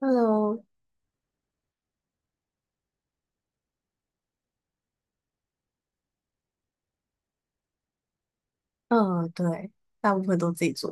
Hello，对，大部分都自己做。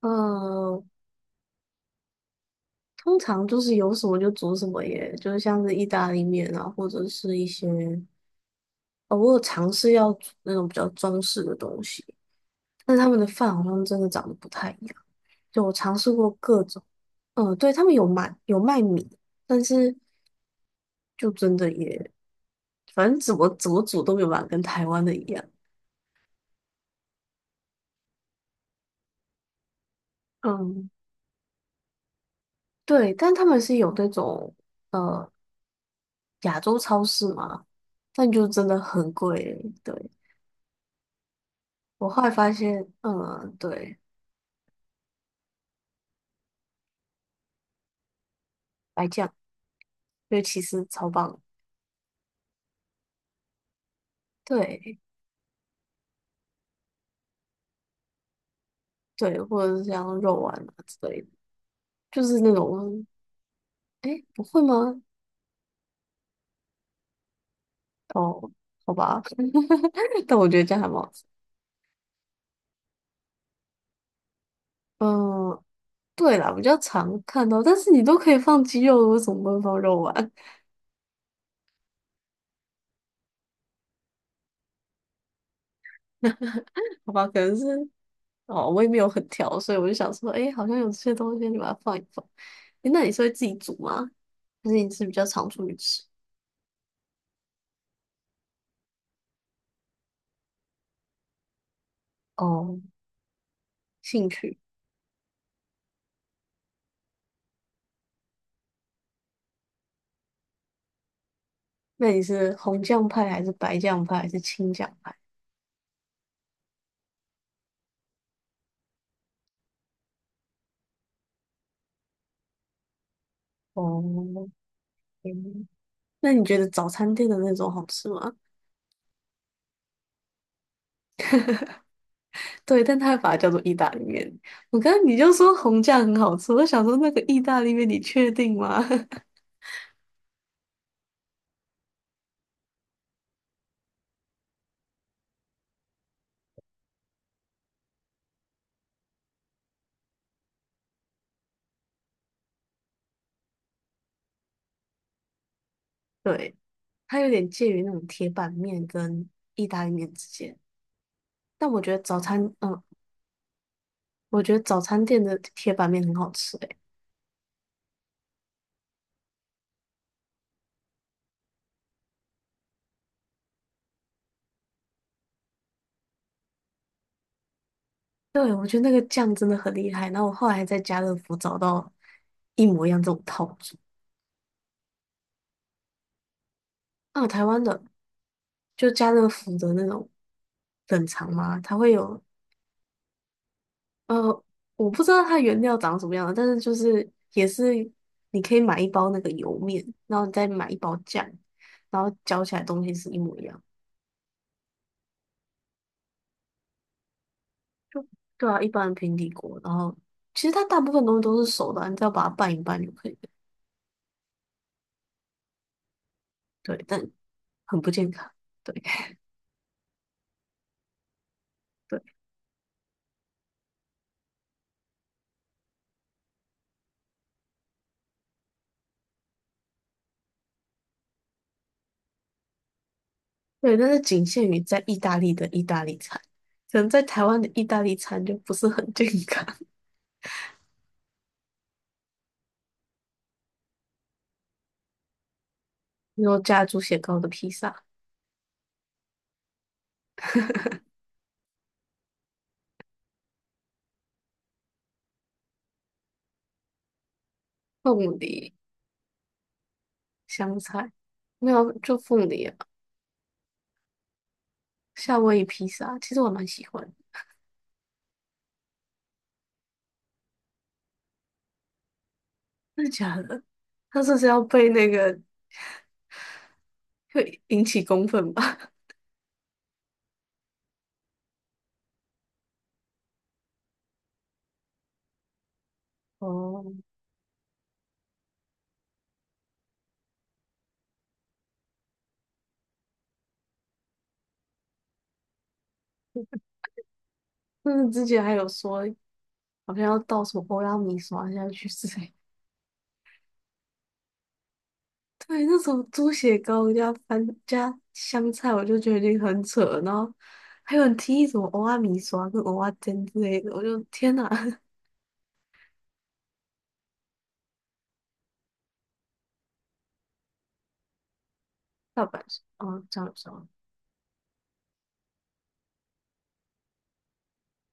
嗯，通常就是有什么就煮什么耶，就是像是意大利面啊，或者是一些，哦，我有尝试要煮那种比较中式的东西，但是他们的饭好像真的长得不太一样。就我尝试过各种，嗯、对，他们有卖米，但是就真的也，反正怎么煮都没有办法跟台湾的一样。嗯，对，但他们是有那种。呃亚洲超市嘛，但就真的很贵欸对，我后来发现，嗯，对，白酱，就其实超棒。对对，或者是像肉丸啊之类的，就是那种，诶，不会吗？哦，好吧，但我觉得这样还蛮好吃。嗯，对啦，比较常看到，但是你都可以放鸡肉，为什么不能放肉丸？好吧，可能是哦，我也没有很挑，所以我就想说，哎，好像有这些东西，你把它放一放。哎，那你是会自己煮吗？还是你是比较常出去吃？哦，兴趣。那你是红酱派还是白酱派还是青酱派？哦，嗯那你觉得早餐店的那种好吃吗？对，但他会把它叫做意大利面。我刚刚你就说红酱很好吃，我就想说那个意大利面你确定吗？对，它有点介于那种铁板面跟意大利面之间。但我觉得早餐，嗯、我觉得早餐店的铁板面很好吃诶、对，我觉得那个酱真的很厉害。然后我后来还在家乐福找到一模一样这种套组，啊，台湾的就家乐福的那种冷藏嘛，它会有呃，我不知道它原料长什么样的但是就是也是你可以买一包那个油面，然后你再买一包酱，然后搅起来东西是一模一样。就对啊，一般的平底锅，然后其实它大部分东西都是熟的啊你只要把它拌一拌就可以了。对，但很不健康。对对对，但是仅限于在意大利的意大利餐，可能在台湾的意大利餐就不是很健康。然后加猪血糕的披萨、凤梨香菜，没有就凤梨啊，夏威夷披萨，其实我蛮喜欢的。真的假的？他这是要被那个会引起公愤吧？哦，但是之前还有说好像要倒什么欧拉米刷下去之类对，那种猪血糕加番加香菜，我就觉得已经很扯了。然后还有人提议什么欧仔米刷跟欧仔煎之类的，我就天哪！大阪是哦，这样说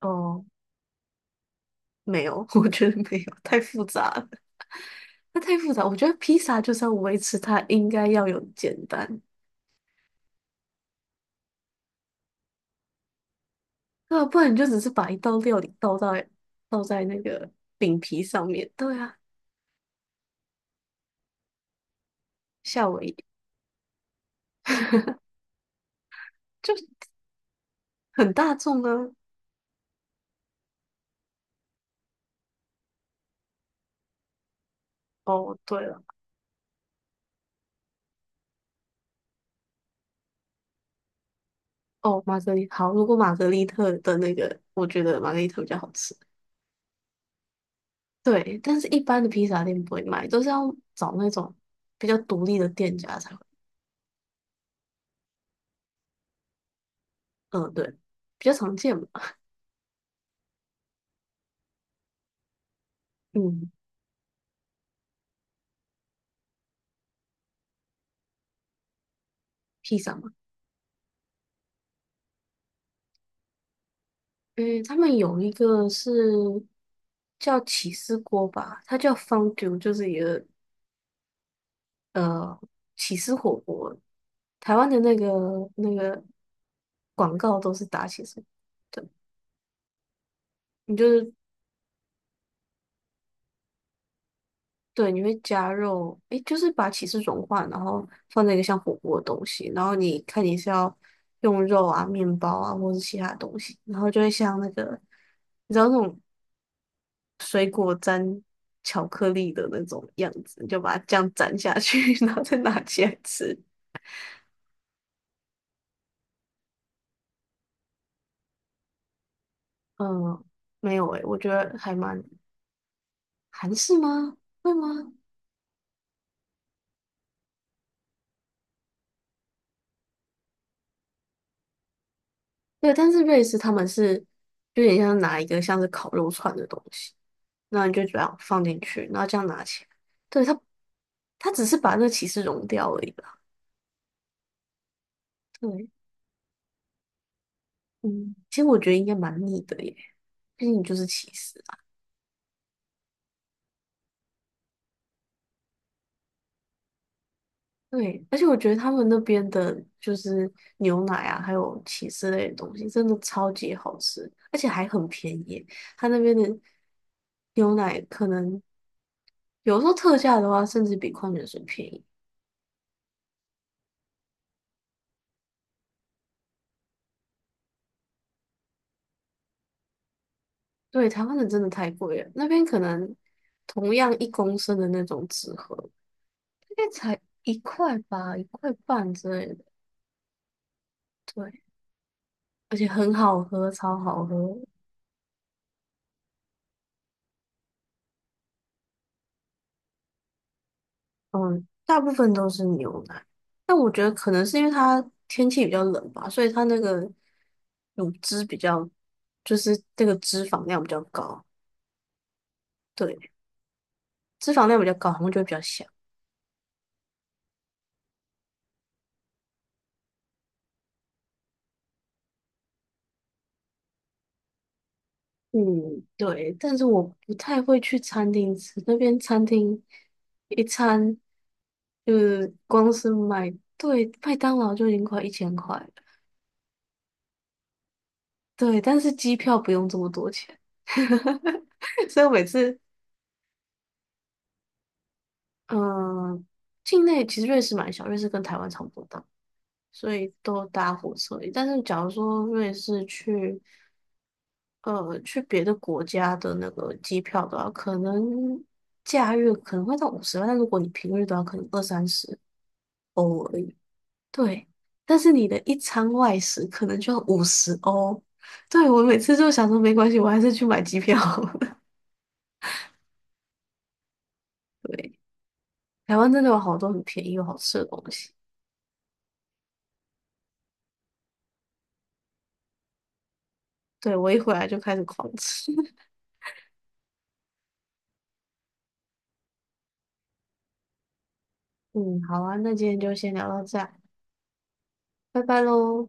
哦，哦没有，我觉得没有，太复杂了，那太复杂。我觉得披萨就是要维持它应该要有简单，对啊，不然你就只是把一道料理倒在那个饼皮上面，对啊，夏威夷 就很大众啊。哦，对了。哦，玛格丽好，如果玛格丽特的那个，我觉得玛格丽特比较好吃。对，但是一般的披萨店不会卖，都是要找那种比较独立的店家才会。嗯，对，比较常见嘛。嗯，披萨嘛，嗯，他们有一个是叫起司锅吧，它叫 fondue，就是一个呃起司火锅。台湾的那个广告都是打起司，对，你就是对，你会加肉，诶，就是把起司融化，然后放在一个像火锅的东西，然后你看你是要用肉啊、面包啊，或是其他东西，然后就会像那个，你知道那种水果沾巧克力的那种样子，你就把它这样沾下去，然后再拿起来吃。嗯，没有诶，我觉得还蛮韩式吗？会吗？对，但是瑞士他们是就有点像拿一个像是烤肉串的东西，那你就这样放进去，然后这样拿起来。对，它只是把那个起司融掉而已啦。对，嗯，其实我觉得应该蛮腻的耶，毕竟就是起司啊。对，而且我觉得他们那边的就是牛奶啊，还有起司类的东西，真的超级好吃，而且还很便宜。他那边的牛奶可能有时候特价的话，甚至比矿泉水便宜。对，台湾的真的太贵了，那边可能同样1公升的那种纸盒，大概才一块吧，1块半之类的。对，而且很好喝，超好喝。嗯，大部分都是牛奶，但我觉得可能是因为它天气比较冷吧，所以它那个乳汁比较，就是那个脂肪量比较高。对，脂肪量比较高，然后就会比较香。嗯，对，但是我不太会去餐厅吃，那边餐厅一餐就是光是买，对，麦当劳就已经快1000块了，对，但是机票不用这么多钱，所以我每次嗯，境内其实瑞士蛮小，瑞士跟台湾差不多大，所以都搭火车。但是假如说瑞士去，去别的国家的那个机票的话，可能假日可能会到50万，但如果你平日的话，可能二三十欧而已。对，但是你的一餐外食可能就要50欧。对，我每次就想说没关系，我还是去买机票。对，台湾真的有好多很便宜又好吃的东西。对，我一回来就开始狂吃。嗯，好啊，那今天就先聊到这儿，拜拜喽。